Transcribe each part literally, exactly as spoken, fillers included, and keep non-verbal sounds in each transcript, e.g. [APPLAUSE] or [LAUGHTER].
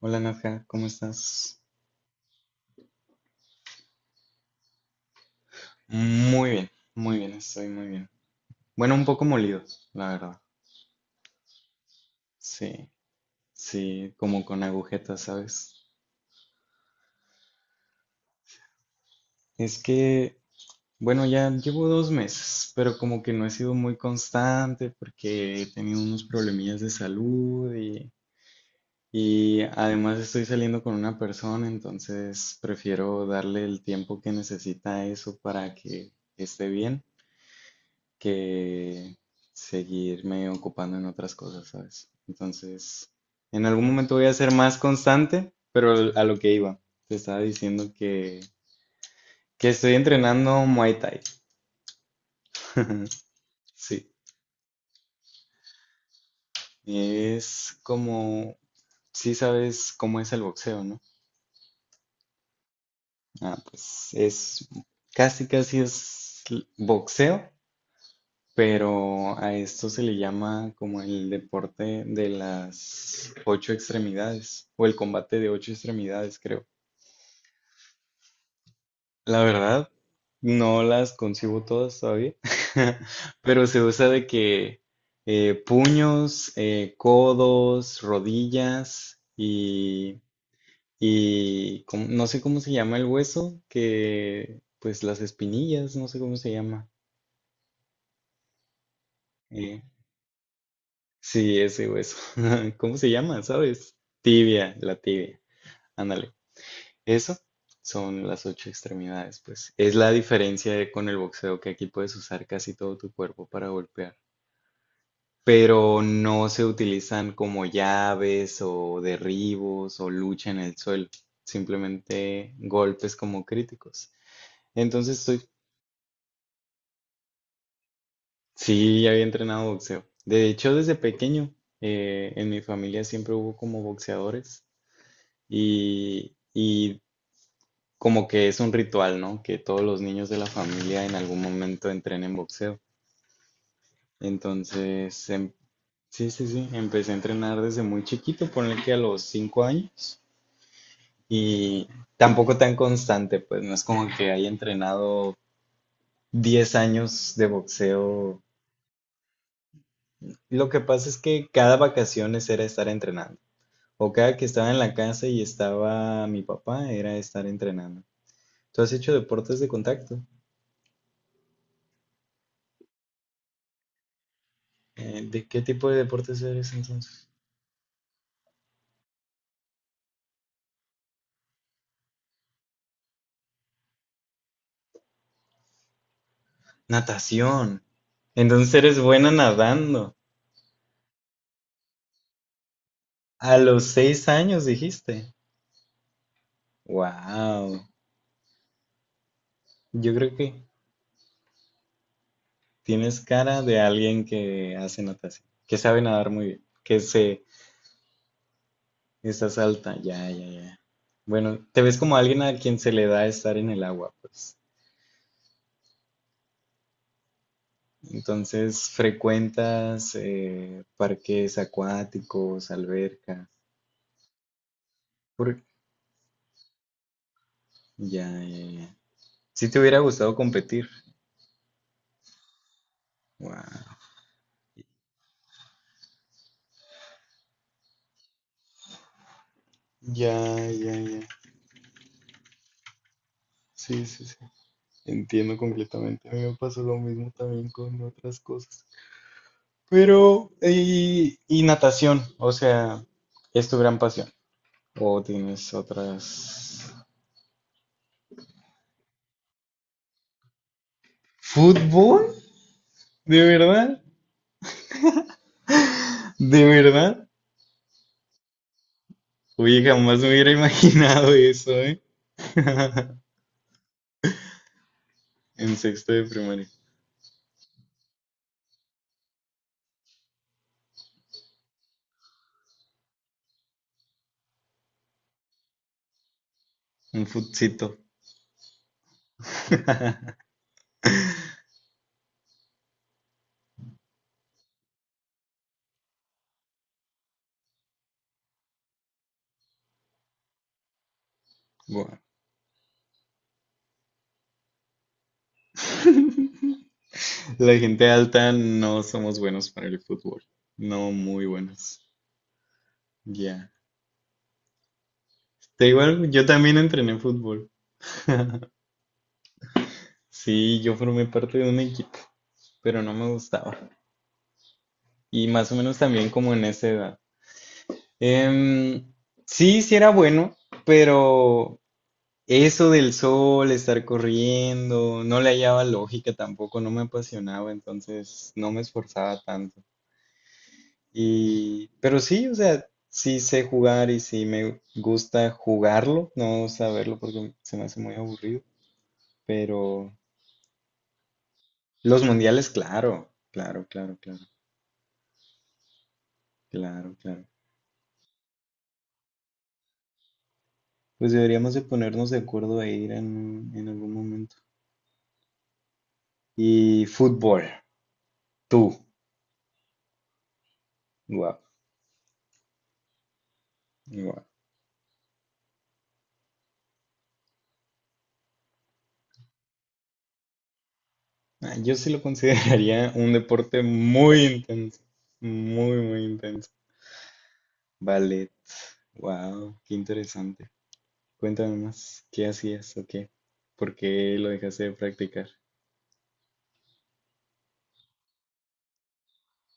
Hola Nadja, ¿cómo estás? Muy bien, muy bien, estoy muy bien. Bueno, un poco molidos, la verdad. Sí, sí, como con agujetas, ¿sabes? Es que, bueno, ya llevo dos meses, pero como que no he sido muy constante porque he tenido unos problemillas de salud y, y además estoy saliendo con una persona, entonces prefiero darle el tiempo que necesita a eso para que esté bien. Que seguirme ocupando en otras cosas, ¿sabes? Entonces, en algún momento voy a ser más constante, pero a lo que iba, te estaba diciendo que, que estoy entrenando Muay Thai. [LAUGHS] Sí, es como, sí sabes cómo es el boxeo, ¿no? Ah, pues es, casi casi es l- boxeo, pero a esto se le llama como el deporte de las ocho extremidades o el combate de ocho extremidades, creo. La verdad, no las concibo todas todavía, [LAUGHS] pero se usa de que eh, puños, eh, codos, rodillas y, y com- no sé cómo se llama el hueso, que pues las espinillas, no sé cómo se llama. eh, Sí, ese hueso. [LAUGHS] ¿Cómo se llama? ¿Sabes? Tibia, la tibia. Ándale. Eso son las ocho extremidades, pues. Es la diferencia de- con el boxeo, que aquí puedes usar casi todo tu cuerpo para golpear. Pero no se utilizan como llaves o derribos o lucha en el suelo. Simplemente golpes como críticos. Entonces, estoy... Sí, ya había entrenado boxeo. De hecho, desde pequeño, eh, en mi familia siempre hubo como boxeadores. Y, y como que es un ritual, ¿no? Que todos los niños de la familia en algún momento entrenen boxeo. Entonces, em- sí, sí, sí, empecé a entrenar desde muy chiquito, ponle que a los cinco años. Y tampoco tan constante, pues no es como que haya entrenado diez años de boxeo. Lo que pasa es que cada vacaciones era estar entrenando. O cada que estaba en la casa y estaba mi papá, era estar entrenando. ¿Tú has hecho deportes de contacto? Eh, ¿de qué tipo de deportes eres entonces? Natación. Entonces eres buena nadando. A los seis años dijiste. Wow. Yo creo que tienes cara de alguien que hace natación, que sabe nadar muy bien, que se estás alta. Ya, ya, ya. Bueno, te ves como alguien a quien se le da estar en el agua, pues. Entonces frecuentas eh, parques acuáticos, albercas. Por- Ya, ya, ya. Si te hubiera gustado competir. Guau. Ya, ya, ya. Sí, sí, sí. Entiendo completamente. A mí me pasó lo mismo también con otras cosas. Pero, y, y natación, o sea, es tu gran pasión. ¿O tienes otras? ¿Fútbol? ¿De verdad? ¿De verdad? Oye, jamás me hubiera imaginado eso, ¿eh? [LAUGHS] En sexto de primaria. Un futcito. [LAUGHS] Buah. La gente alta no somos buenos para el fútbol. No muy buenos. Ya. Te digo algo, yo también entrené fútbol. [LAUGHS] Sí, yo formé parte de un equipo, pero no me gustaba. Y más o menos también como en esa edad. Em, sí, sí era bueno, pero eso del sol, estar corriendo, no le hallaba lógica tampoco, no me apasionaba, entonces no me esforzaba tanto. Y, pero sí, o sea, sí sé jugar y sí me gusta jugarlo, no saberlo porque se me hace muy aburrido. Pero los mundiales, claro, claro, claro, claro, claro, claro. Pues deberíamos de ponernos de acuerdo a ir en, en algún momento. Y fútbol, tú, guau, guau. Ah, yo sí lo consideraría un deporte muy intenso, muy, muy intenso. Ballet, wow, qué interesante. Cuéntame más, ¿qué hacías o qué? ¿Por qué lo dejaste de practicar?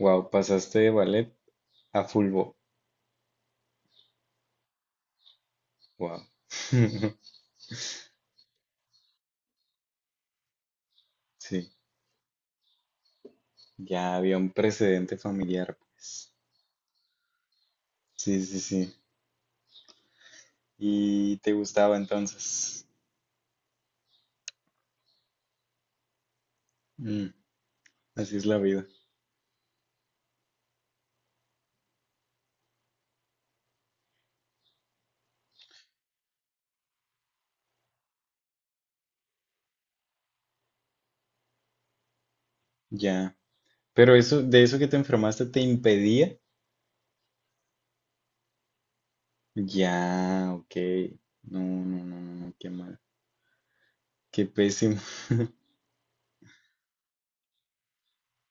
Wow, pasaste de ballet a fulbo. Wow. [LAUGHS] Sí, ya había un precedente familiar, pues. Sí, sí, sí. ¿Y te gustaba entonces? Mm, así es la vida. Ya. Pero eso, de eso que te enfermaste te impedía. Ya, ok. No, no, no, no, no, qué mal. Qué pésimo. [LAUGHS]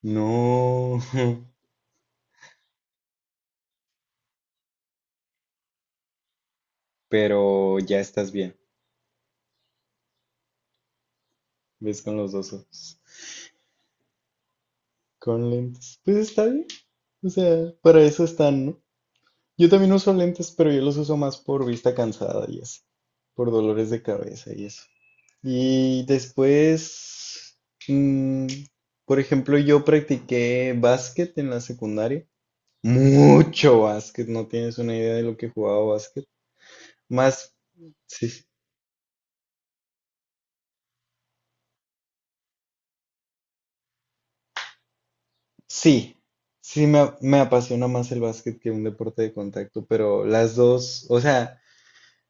No. [LAUGHS] Pero ya estás bien. Ves con los dos ojos. Con lentes. Pues está bien. O sea, para eso están, ¿no? Yo también uso lentes, pero yo los uso más por vista cansada y así, por dolores de cabeza y eso. Y después, mm, por ejemplo, yo practiqué básquet en la secundaria. Mucho básquet, no tienes una idea de lo que jugaba básquet. Más, sí, sí, sí me, me apasiona más el básquet que un deporte de contacto, pero las dos, o sea,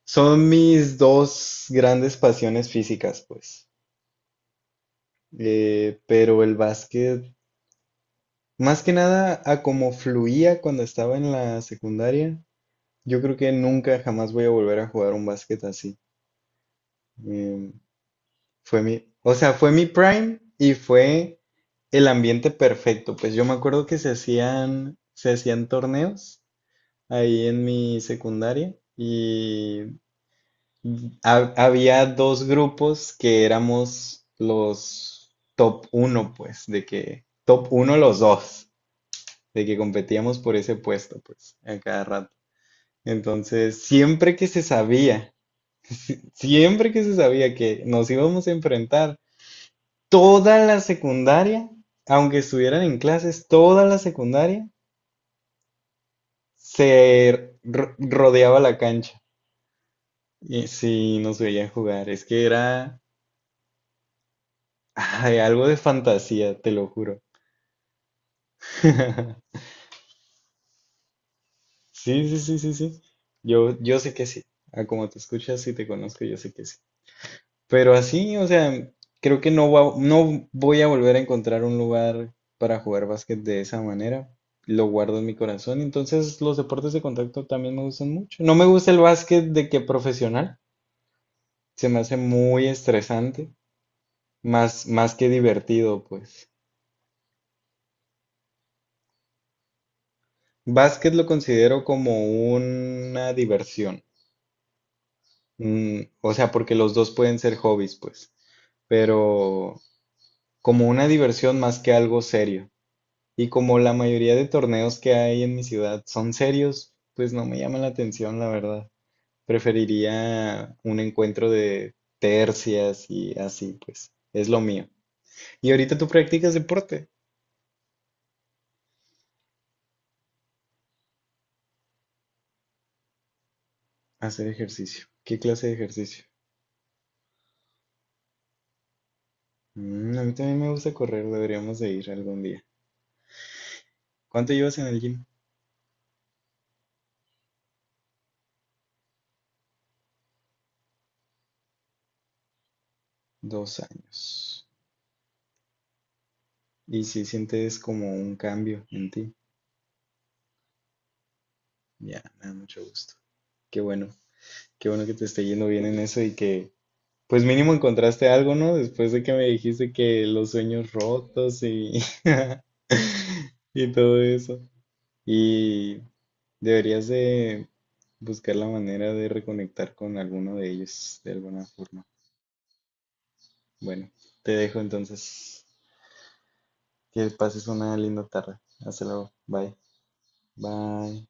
son mis dos grandes pasiones físicas, pues. Eh, pero el básquet, más que nada a como fluía cuando estaba en la secundaria, yo creo que nunca jamás voy a volver a jugar un básquet así. Em, fue mi, o sea, fue mi prime y fue el ambiente perfecto. Pues yo me acuerdo que se hacían, se hacían torneos ahí en mi secundaria y Ha- había dos grupos que éramos los top uno, pues, de que top uno los dos, de que competíamos por ese puesto, pues, a cada rato. Entonces, siempre que se sabía, siempre que se sabía que nos íbamos a enfrentar, toda la secundaria, aunque estuvieran en clases, toda la secundaria se ro- rodeaba la cancha. Y sí, nos veían jugar. Es que era ay, algo de fantasía, te lo juro. [LAUGHS] Sí, sí, sí, sí, sí. Yo, yo sé que sí. A como te escuchas y te conozco, yo sé que sí. Pero así, o sea, creo que no va- no voy a volver a encontrar un lugar para jugar básquet de esa manera. Lo guardo en mi corazón. Entonces, los deportes de contacto también me gustan mucho. No me gusta el básquet de que profesional. Se me hace muy estresante, más, más que divertido, pues. Básquet lo considero como una diversión. Mm, o sea, porque los dos pueden ser hobbies, pues, pero como una diversión más que algo serio. Y como la mayoría de torneos que hay en mi ciudad son serios, pues no me llama la atención, la verdad. Preferiría un encuentro de tercias y así, pues, es lo mío. ¿Y ahorita tú practicas deporte? Hacer ejercicio. ¿Qué clase de ejercicio? Mm, a mí también me gusta correr, deberíamos de ir algún día. ¿Cuánto llevas en el gym? Dos años. Y si sientes como un cambio en ti, ya, me da mucho gusto. Qué bueno, qué bueno que te esté yendo bien en eso y que, pues mínimo encontraste algo, ¿no? Después de que me dijiste que los sueños rotos y, [LAUGHS] y todo eso. Y deberías de buscar la manera de reconectar con alguno de ellos de alguna forma. Bueno, te dejo entonces. Que pases una linda tarde. Hasta luego. Bye. Bye.